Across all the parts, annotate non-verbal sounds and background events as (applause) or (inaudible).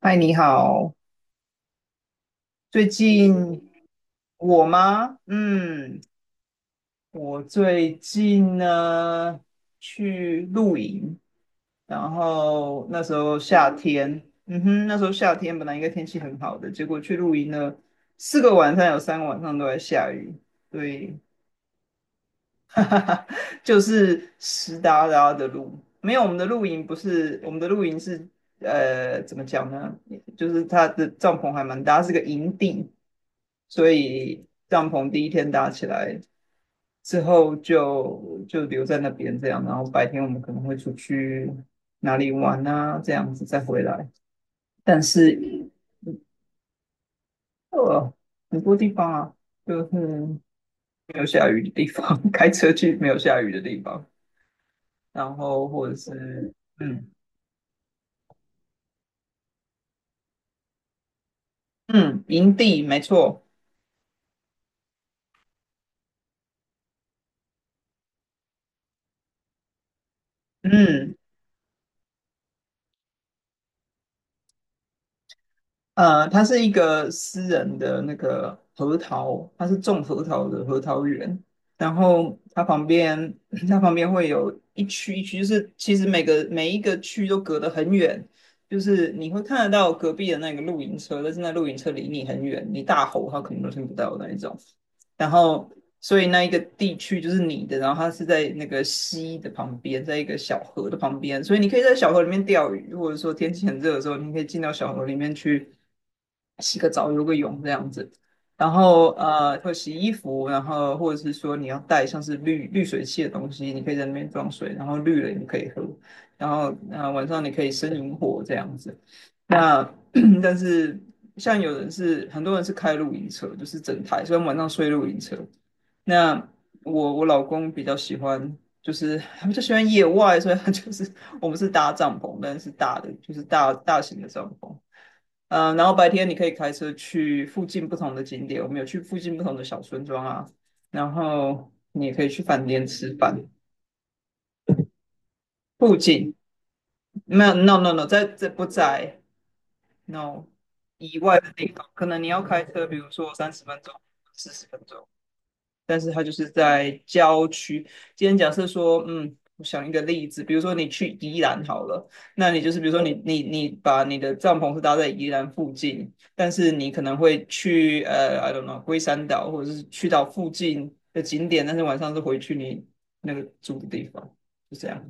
嗨，你好。最近我吗？嗯，我最近呢去露营，然后那时候夏天，嗯哼，那时候夏天本来应该天气很好的，结果去露营呢，4个晚上，有3个晚上都在下雨，对。(laughs) 就是湿哒哒的路。没有，我们的露营不是，我们的露营是怎么讲呢？就是它的帐篷还蛮大，它是个营地，所以帐篷第一天搭起来之后就留在那边这样，然后白天我们可能会出去哪里玩啊，这样子再回来。但是呃，很多地方啊，就是没有下雨的地方。(laughs) 开车去没有下雨的地方。然后或者是嗯嗯，营地没错。嗯它是一个私人的那个核桃，它是种核桃的核桃园，然后它旁边 (clears throat) 它旁边会有一区一区，就是其实每一个区都隔得很远，就是你会看得到隔壁的那个露营车，但是那露营车离你很远，你大吼它可能都听不到的那一种。然后所以那一个地区就是你的，然后它是在那个溪的旁边，在一个小河的旁边，所以你可以在小河里面钓鱼，或者说天气很热的时候，你可以进到小河里面去洗个澡、游个泳这样子。然后会洗衣服，然后或者是说你要带像是滤水器的东西，你可以在那边装水，然后滤了你可以喝。然后晚上你可以生萤火这样子。那 (clears throat) (coughs) 但是像有人是很多人是开露营车，就是整台，所以晚上睡露营车。那我老公比较喜欢，就是他比较喜欢野外，所以他就是我们是搭帐篷，但是大的就是大大型的帐篷。然后白天你可以开车去附近不同的景点，我们有去附近不同的小村庄啊，然后你也可以去饭店吃饭。附近没有，no no no，在不在 no 以外的地方，可能你要开车，比如说30分钟、40分钟，但是它就是在郊区。今天假设说，嗯，我想一个例子，比如说你去宜兰好了，那你就是比如说你把你的帐篷是搭在宜兰附近，但是你可能会去I don't know，龟山岛或者是去到附近的景点，但是晚上是回去你那个住的地方，就这样。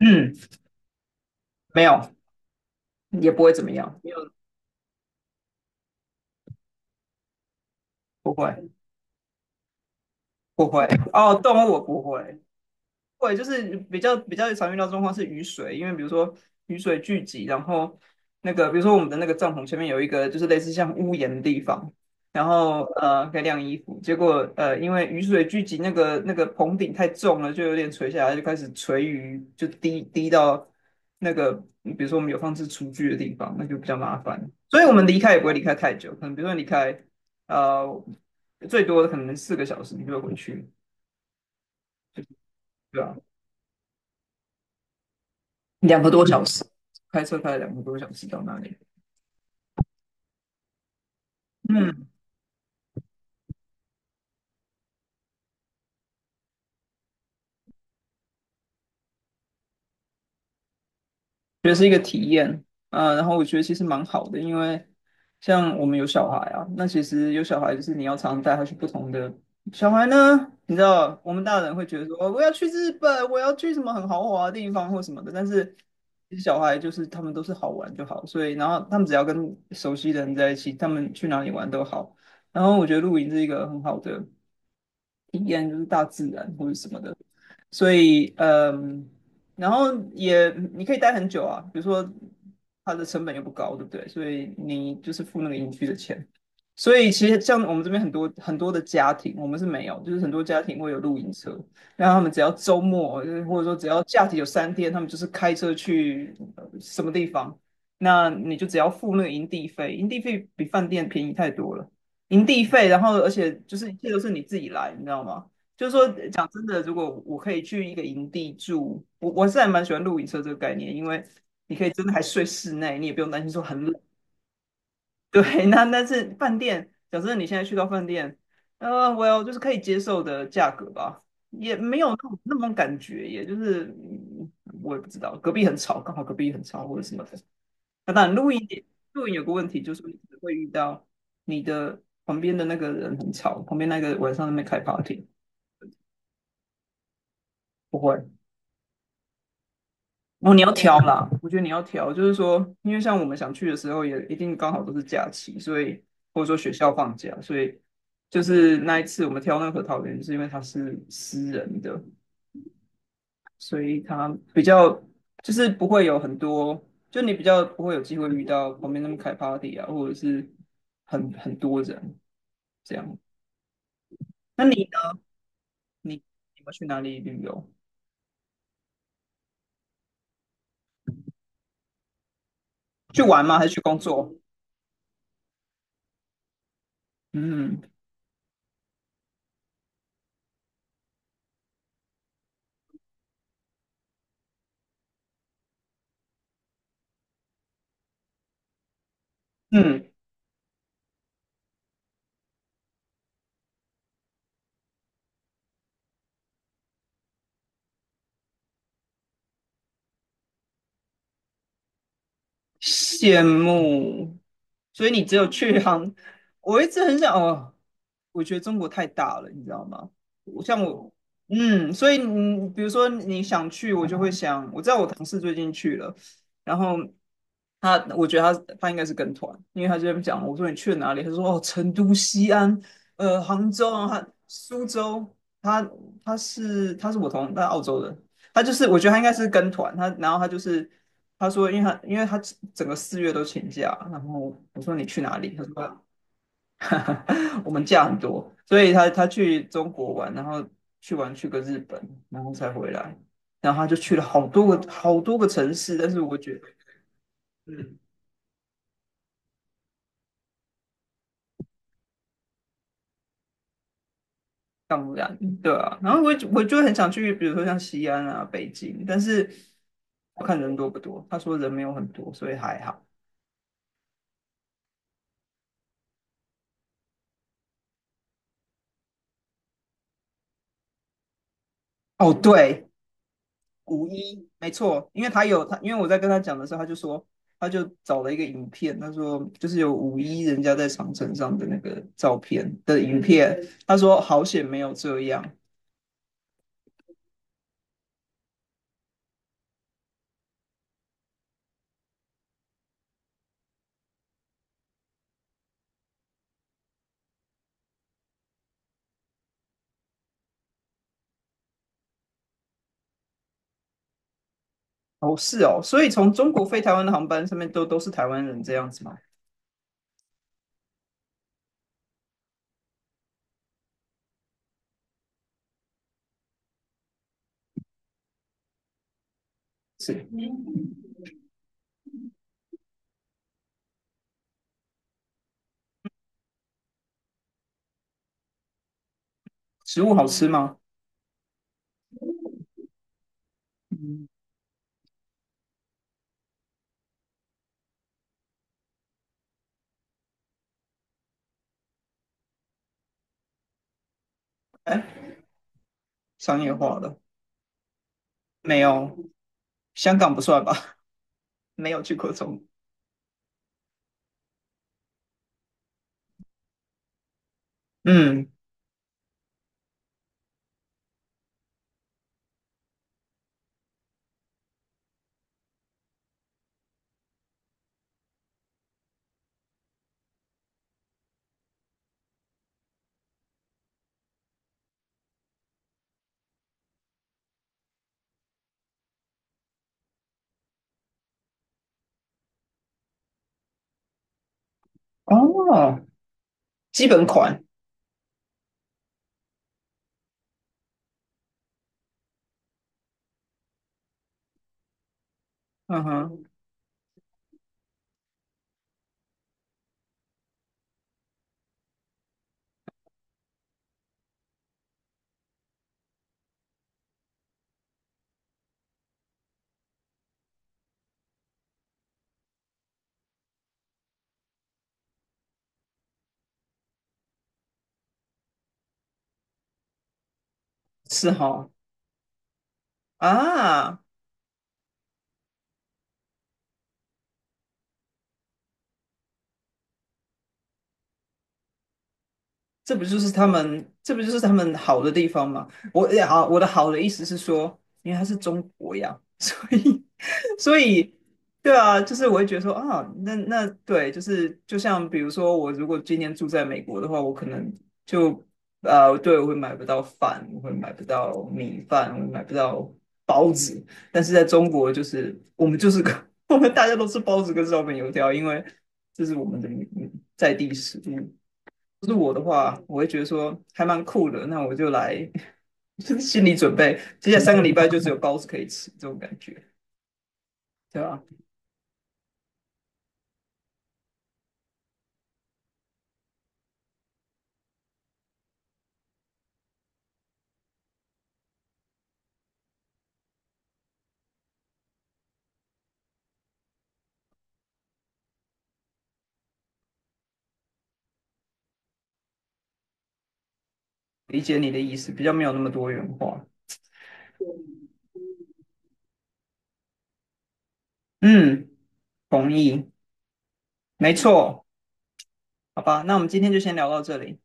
嗯，没有，也不会怎么样，没有，不会，不会。哦，动物我不会。对，就是比较常遇到的状况是雨水，因为比如说雨水聚集，然后那个比如说我们的那个帐篷前面有一个就是类似像屋檐的地方，然后可以晾衣服，结果因为雨水聚集，那个棚顶太重了，就有点垂下来，就开始垂雨，就滴滴到那个比如说我们有放置厨具的地方，那就比较麻烦，所以我们离开也不会离开太久，可能比如说离开呃最多可能4个小时你就会回去，对啊。两个多小时，开车开了两个多小时到那里。嗯，觉得是呃，然后我觉得其实蛮好的，因为像我们有小孩啊，那其实有小孩就是你要常常带他去不同的小孩呢，你知道我们大人会觉得说哦我要去日本，我要去什么很豪华的地方或什么的，但是其实小孩就是他们都是好玩就好，所以然后他们只要跟熟悉的人在一起，他们去哪里玩都好。然后我觉得露营是一个很好的，什么的，所以然后也你可以待很久啊，比如说它的成本又不高，对不对？所以你就是付那个营区的钱。所以其实像我们这边很多很多的家庭，我们是没有，就是很多家庭会有露营车，然后他们只要周末，或者说只要假期有3天，他们就是开车去什么地方，那你就只要付那个营地费，营地费比饭店便宜太多了。营地费，然后而且就是一切都是你自己来，你知道吗？就是说，讲真的，如果我可以去一个营地住，我是还蛮喜欢露营车这个概念，因为你可以真的还睡室内，你也不用担心说很冷。(laughs) 对，那但是饭店，讲真的，你现在去到饭店，well，就是可以接受的价格吧，也没有那种感觉，也就是我也不知道，隔壁很吵，刚好隔壁很吵或者什么的。那当然，露营有个问题，就是你会遇到你的旁边的那个人很吵，旁边那个晚上在那边开 party。不会。哦，你要挑啦，我觉得你要挑，就是说，因为像我们想去的时候，也一定刚好都是假期，所以或者说学校放假，所以就是那一次我们挑那个桃园，是因为它是私人的，所以它比较就是不会有很多，就你比较不会有机会遇到旁边那么开 party 啊，或者是很多人这样。那你呢？你你们去哪里旅游？去玩吗？还是去工作？嗯嗯。羡慕，所以你只有去杭。我一直很想哦，我觉得中国太大了，你知道吗？我像我，嗯，所以你比如说你想去，我就会想，我知道我同事最近去了，然后他，我觉得他应该是跟团，因为他就在那边讲，我说你去了哪里？他说哦，成都、西安、杭州啊，苏州。他他是我同他澳洲的，他就是我觉得他应该是跟团，他然后他就是他说，因为他整个4月都请假，然后我说你去哪里？他说 (laughs) 我们假很多，所以他去中国玩，然后去玩去个日本，然后才回来，然后他就去了好多个城市，但是我觉得当不然对啊。然后我就很想去，比如说像西安啊、北京，但是我看人多不多，他说人没有很多，所以还好。哦，对，五一，没错，因为我在跟他讲的时候，他就说，他就找了一个影片，他说就是有五一人家在长城上的那个照片的影片，他说好险没有这样。哦，是哦，所以从中国飞台湾的航班上面都是台湾人这样子吗？是。食物好吃吗？嗯，哎，商业化的。没有，香港不算吧？(laughs) 没有去过中国。嗯，哦，基本款，嗯哼，是哈、啊。这不就是他们好的地方吗？我的好的意思是说，因为它是中国呀，(laughs) 所以，(laughs) 所以，对啊，就是我会觉得说啊，那那对，就是就像比如说，我如果今年住在美国的话，我可能就对，我会买不到饭，我会买不到米饭，我会买不到包子，但是在中国，就是我们就是个，(laughs) 我们大家都吃包子跟烧饼油条，因为这是我们的在地食物。是我的话，我会觉得说还蛮酷的，那我就来。(laughs) 就是心理准备，接下来3个礼拜就只有包子可以吃，这种感觉，对吧？理解你的意思，比较没有那么多元化。嗯，同意，没错，好吧，那我们今天就先聊到这里，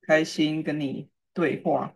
开心跟你对话。